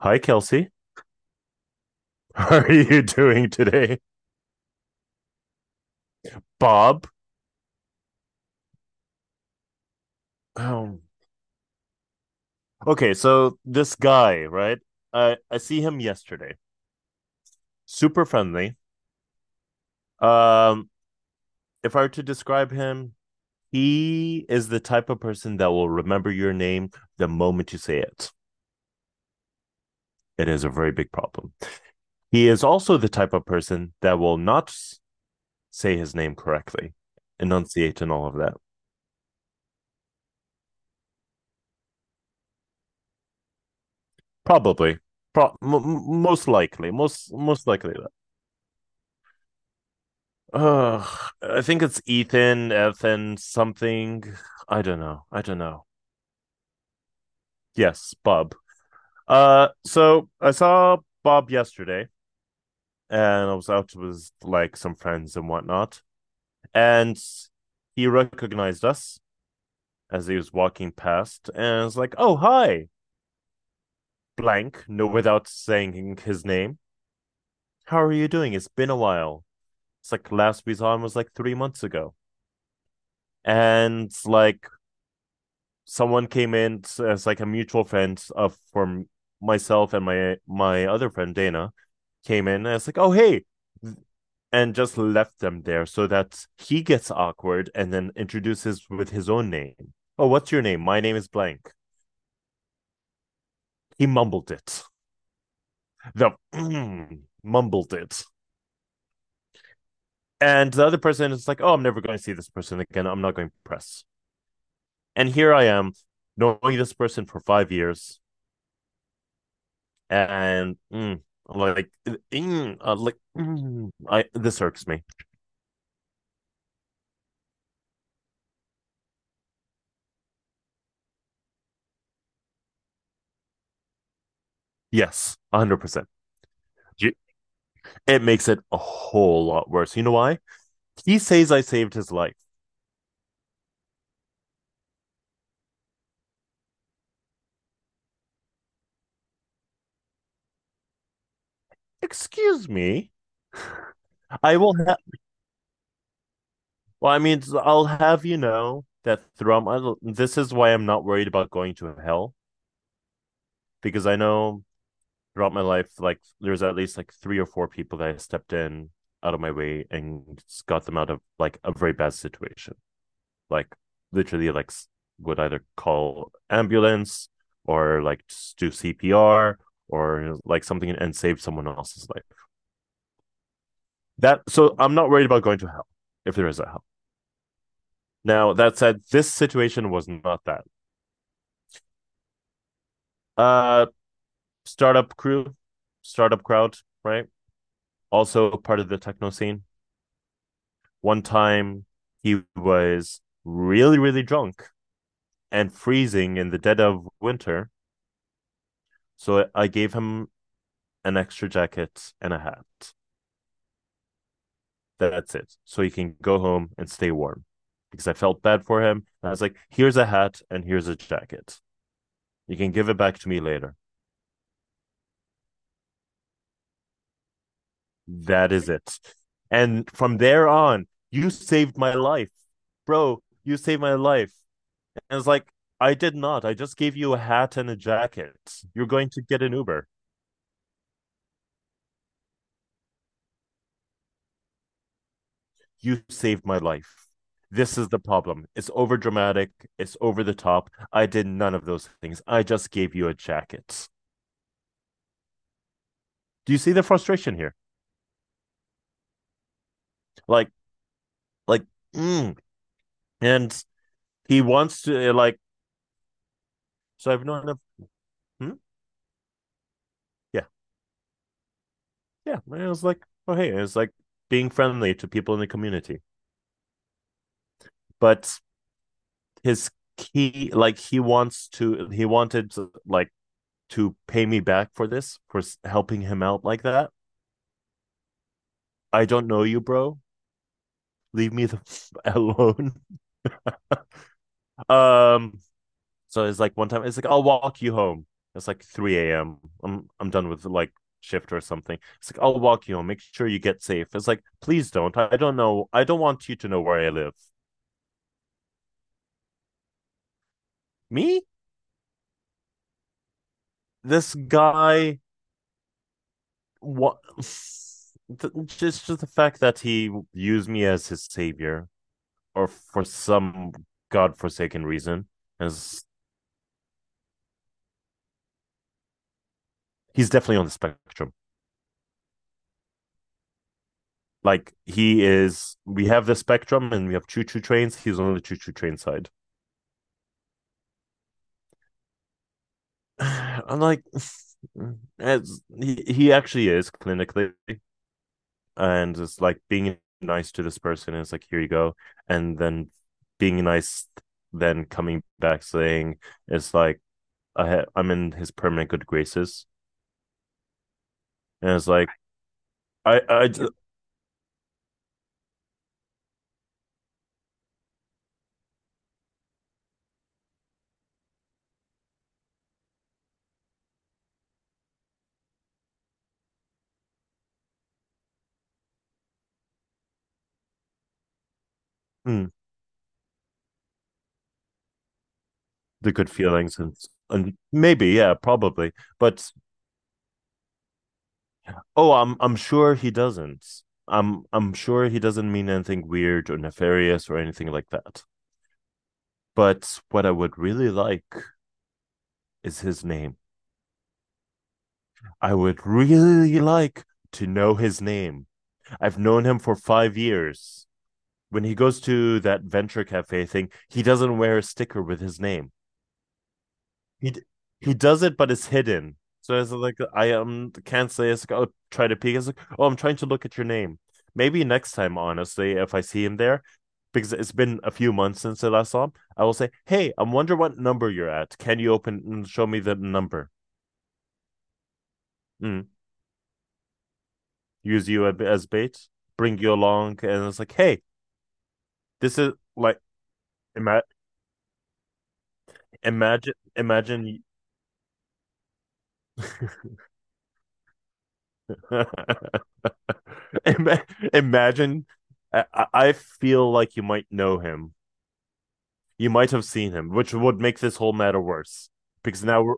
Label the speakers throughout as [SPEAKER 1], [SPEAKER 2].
[SPEAKER 1] Hi, Kelsey. How are you doing today, Bob? Um, okay, so this guy, right? I see him yesterday. Super friendly. Um, if I were to describe him, he is the type of person that will remember your name the moment you say it. It is a very big problem. He is also the type of person that will not say his name correctly, enunciate and all of that. Probably, Pro- m- most likely, most likely that. Uh, I think it's Ethan, Ethan, something. I don't know. I don't know. Yes, Bob. So I saw Bob yesterday, and I was out with like some friends and whatnot, and he recognized us as he was walking past, and I was like, "Oh, hi, blank," no, without saying his name. How are you doing? It's been a while. It's like last we saw him was like 3 months ago, and like someone came in as like a mutual friend of from myself and my other friend Dana came in and it's like, oh hey, and just left them there so that he gets awkward and then introduces with his own name. Oh, what's your name? My name is blank. He mumbled it. The mumbled it. And the other person is like, oh, I'm never going to see this person again. I'm not going to press. And here I am, knowing this person for 5 years, and like like I this irks me. Yes, 100%. It makes it a whole lot worse. You know why? He says I saved his life. Excuse me. I will. Well, I mean, I'll have you know that throughout my this is why I'm not worried about going to hell because I know throughout my life, like there's at least like three or four people that I stepped in out of my way and got them out of like a very bad situation. Like literally like would either call ambulance or like do CPR or like something and save someone else's life. That so I'm not worried about going to hell if there is a hell. Now that said, this situation was not that. Uh Startup crew, startup crowd, right? Also part of the techno scene. One time he was really, really drunk and freezing in the dead of winter. So I gave him an extra jacket and a hat. That's it. So he can go home and stay warm. Because I felt bad for him. I was like, here's a hat and here's a jacket. You can give it back to me later. That is it. And from there on, you saved my life. Bro, you saved my life. And it's like, I did not. I just gave you a hat and a jacket. You're going to get an Uber. You saved my life. This is the problem. It's over dramatic. It's over the top. I did none of those things. I just gave you a jacket. Do you see the frustration here? Like like mm. and He wants to like so I've known him. Hmm? Yeah, yeah. And it was like, oh hey, it was like being friendly to people in the community. But his key, like he wants to, he wanted like to pay me back for this for helping him out like that. I don't know you, bro. Leave me the alone. Um, So it's like one time it's like I'll walk you home. It's like 3 a.m. I'm done with like shift or something. It's like I'll walk you home. Make sure you get safe. It's like please don't. I don't know. I don't want you to know where I live. Me? This guy what just the fact that he used me as his savior or for some godforsaken reason is he's definitely on the spectrum. Like he is we have the spectrum and we have choo choo trains, he's on the choo choo train side. I'm like, as he actually is clinically, and it's like being nice to this person is like here you go, and then being nice, then coming back saying it's like I'm in his permanent good graces, and it's like I I mm, the good feelings and maybe yeah probably, but oh I'm sure he doesn't. I'm sure he doesn't mean anything weird or nefarious or anything like that. But what I would really like is his name. I would really like to know his name. I've known him for 5 years. When he goes to that venture cafe thing, he doesn't wear a sticker with his name. He d- he does it, but it's hidden. So it's like I can't say it's like oh try to peek. It's like oh I'm trying to look at your name. Maybe next time, honestly, if I see him there, because it's been a few months since I last saw him, I will say, hey, I'm wondering what number you're at. Can you open and show me the number? Mm, use you as bait, bring you along, and it's like, hey, this is like ima- imagine imagine Ima- imagine. I feel like you might know him. You might have seen him, which would make this whole matter worse because now we're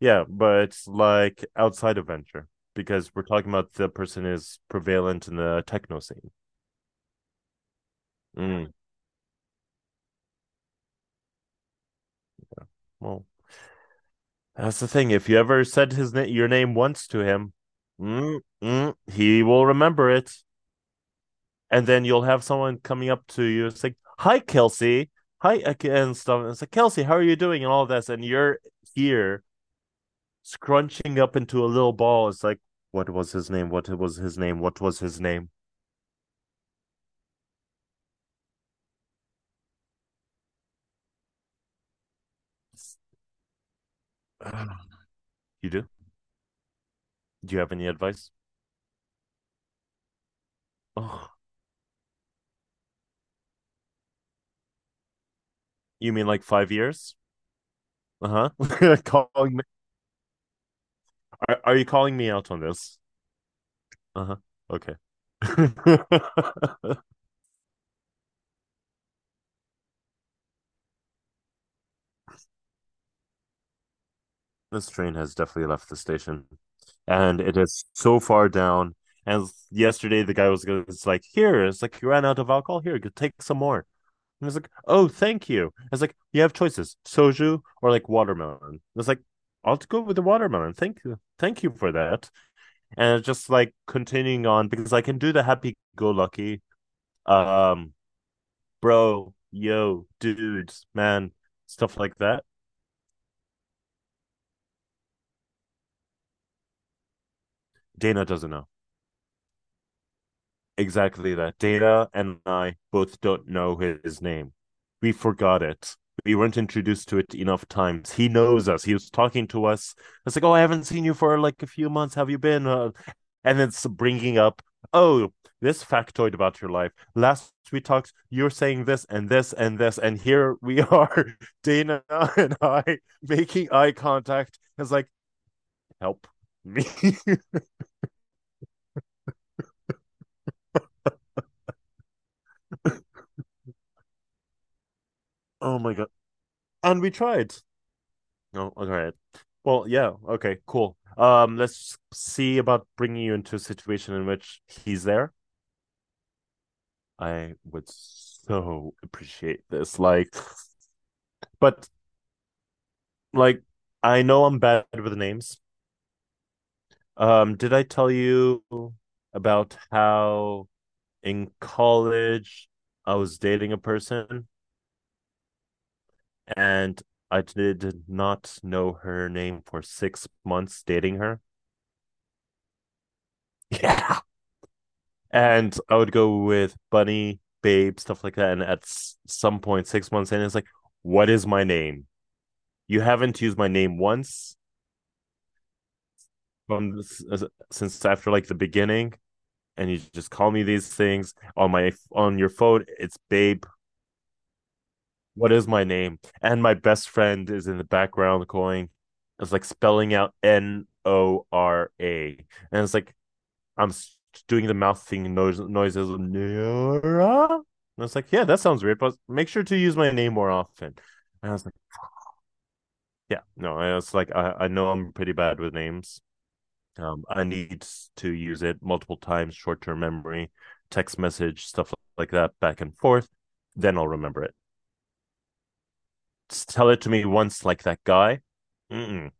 [SPEAKER 1] yeah, but it's like outside of venture because we're talking about the person is prevalent in the techno scene. Mm, well, that's the thing. If you ever said your name once to him, he will remember it. And then you'll have someone coming up to you and say, "Hi, Kelsey. Hi," and stuff. And it's like, "Kelsey, how are you doing?" And all this, and you're here scrunching up into a little ball. It's like, what was his name? What was his name? What was his name? You do? Do you have any advice? Oh, you mean like 5 years? Uh huh. calling me? Are you calling me out on this? Uh huh. Okay. This train has definitely left the station, and it is so far down. And yesterday, the guy was going like, "Here," it's like you ran out of alcohol. Here, go take some more. And I was like, "Oh, thank you." It's like you have choices: soju or like watermelon. I was like I'll go with the watermelon. Thank you for that. And it's just like continuing on because I can do the happy-go-lucky, um, bro, yo, dudes, man, stuff like that. Dana doesn't know. Exactly that. Data and I both don't know his name. We forgot it. We weren't introduced to it enough times. He knows us. He was talking to us. It's like, oh, I haven't seen you for like a few months. Have you been? And it's bringing up, oh, this factoid about your life. Last we talked, you're saying this and this and this, and here we are, Dana and I making eye contact. It's like, help me. Oh my god. And we tried. Oh, all right. Well, yeah. Okay, cool. Let's see about bringing you into a situation in which he's there. I would so appreciate this. Like, but like, I know I'm bad with names. Did I tell you about how in college I was dating a person and I did not know her name for 6 months dating her? Yeah. And I would go with Bunny, Babe, stuff like that. And at some point, 6 months in, it's like, what is my name? You haven't used my name once from this, since after like the beginning, and you just call me these things on my on your phone. It's Babe. What is my name? And my best friend is in the background going, it's like spelling out Nora, and it's like I'm doing the mouth thing noise noises. Nora? And I was like, yeah, that sounds weird, but make sure to use my name more often. And I was like, yeah, no, I was like, I know I'm pretty bad with names. I need to use it multiple times, short term memory, text message, stuff like that, back and forth. Then I'll remember it. Just tell it to me once, like that guy. Mm-mm.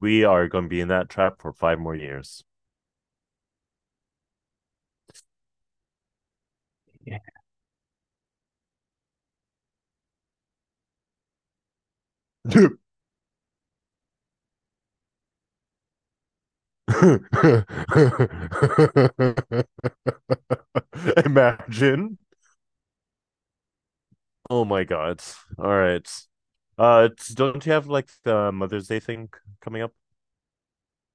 [SPEAKER 1] We are going to be in that trap for 5 more years. Yeah. Imagine. Oh my God. All right. It's- don't you have like the Mother's Day thing coming up?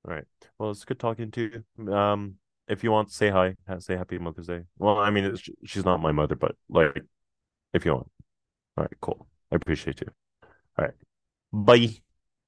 [SPEAKER 1] All right. Well, it's good talking to you. Um, if you want, say hi. Say happy Mother's Day. Well, I mean, it's, she's not my mother, but like, if you want. All right, cool. I appreciate you. All right. Bye.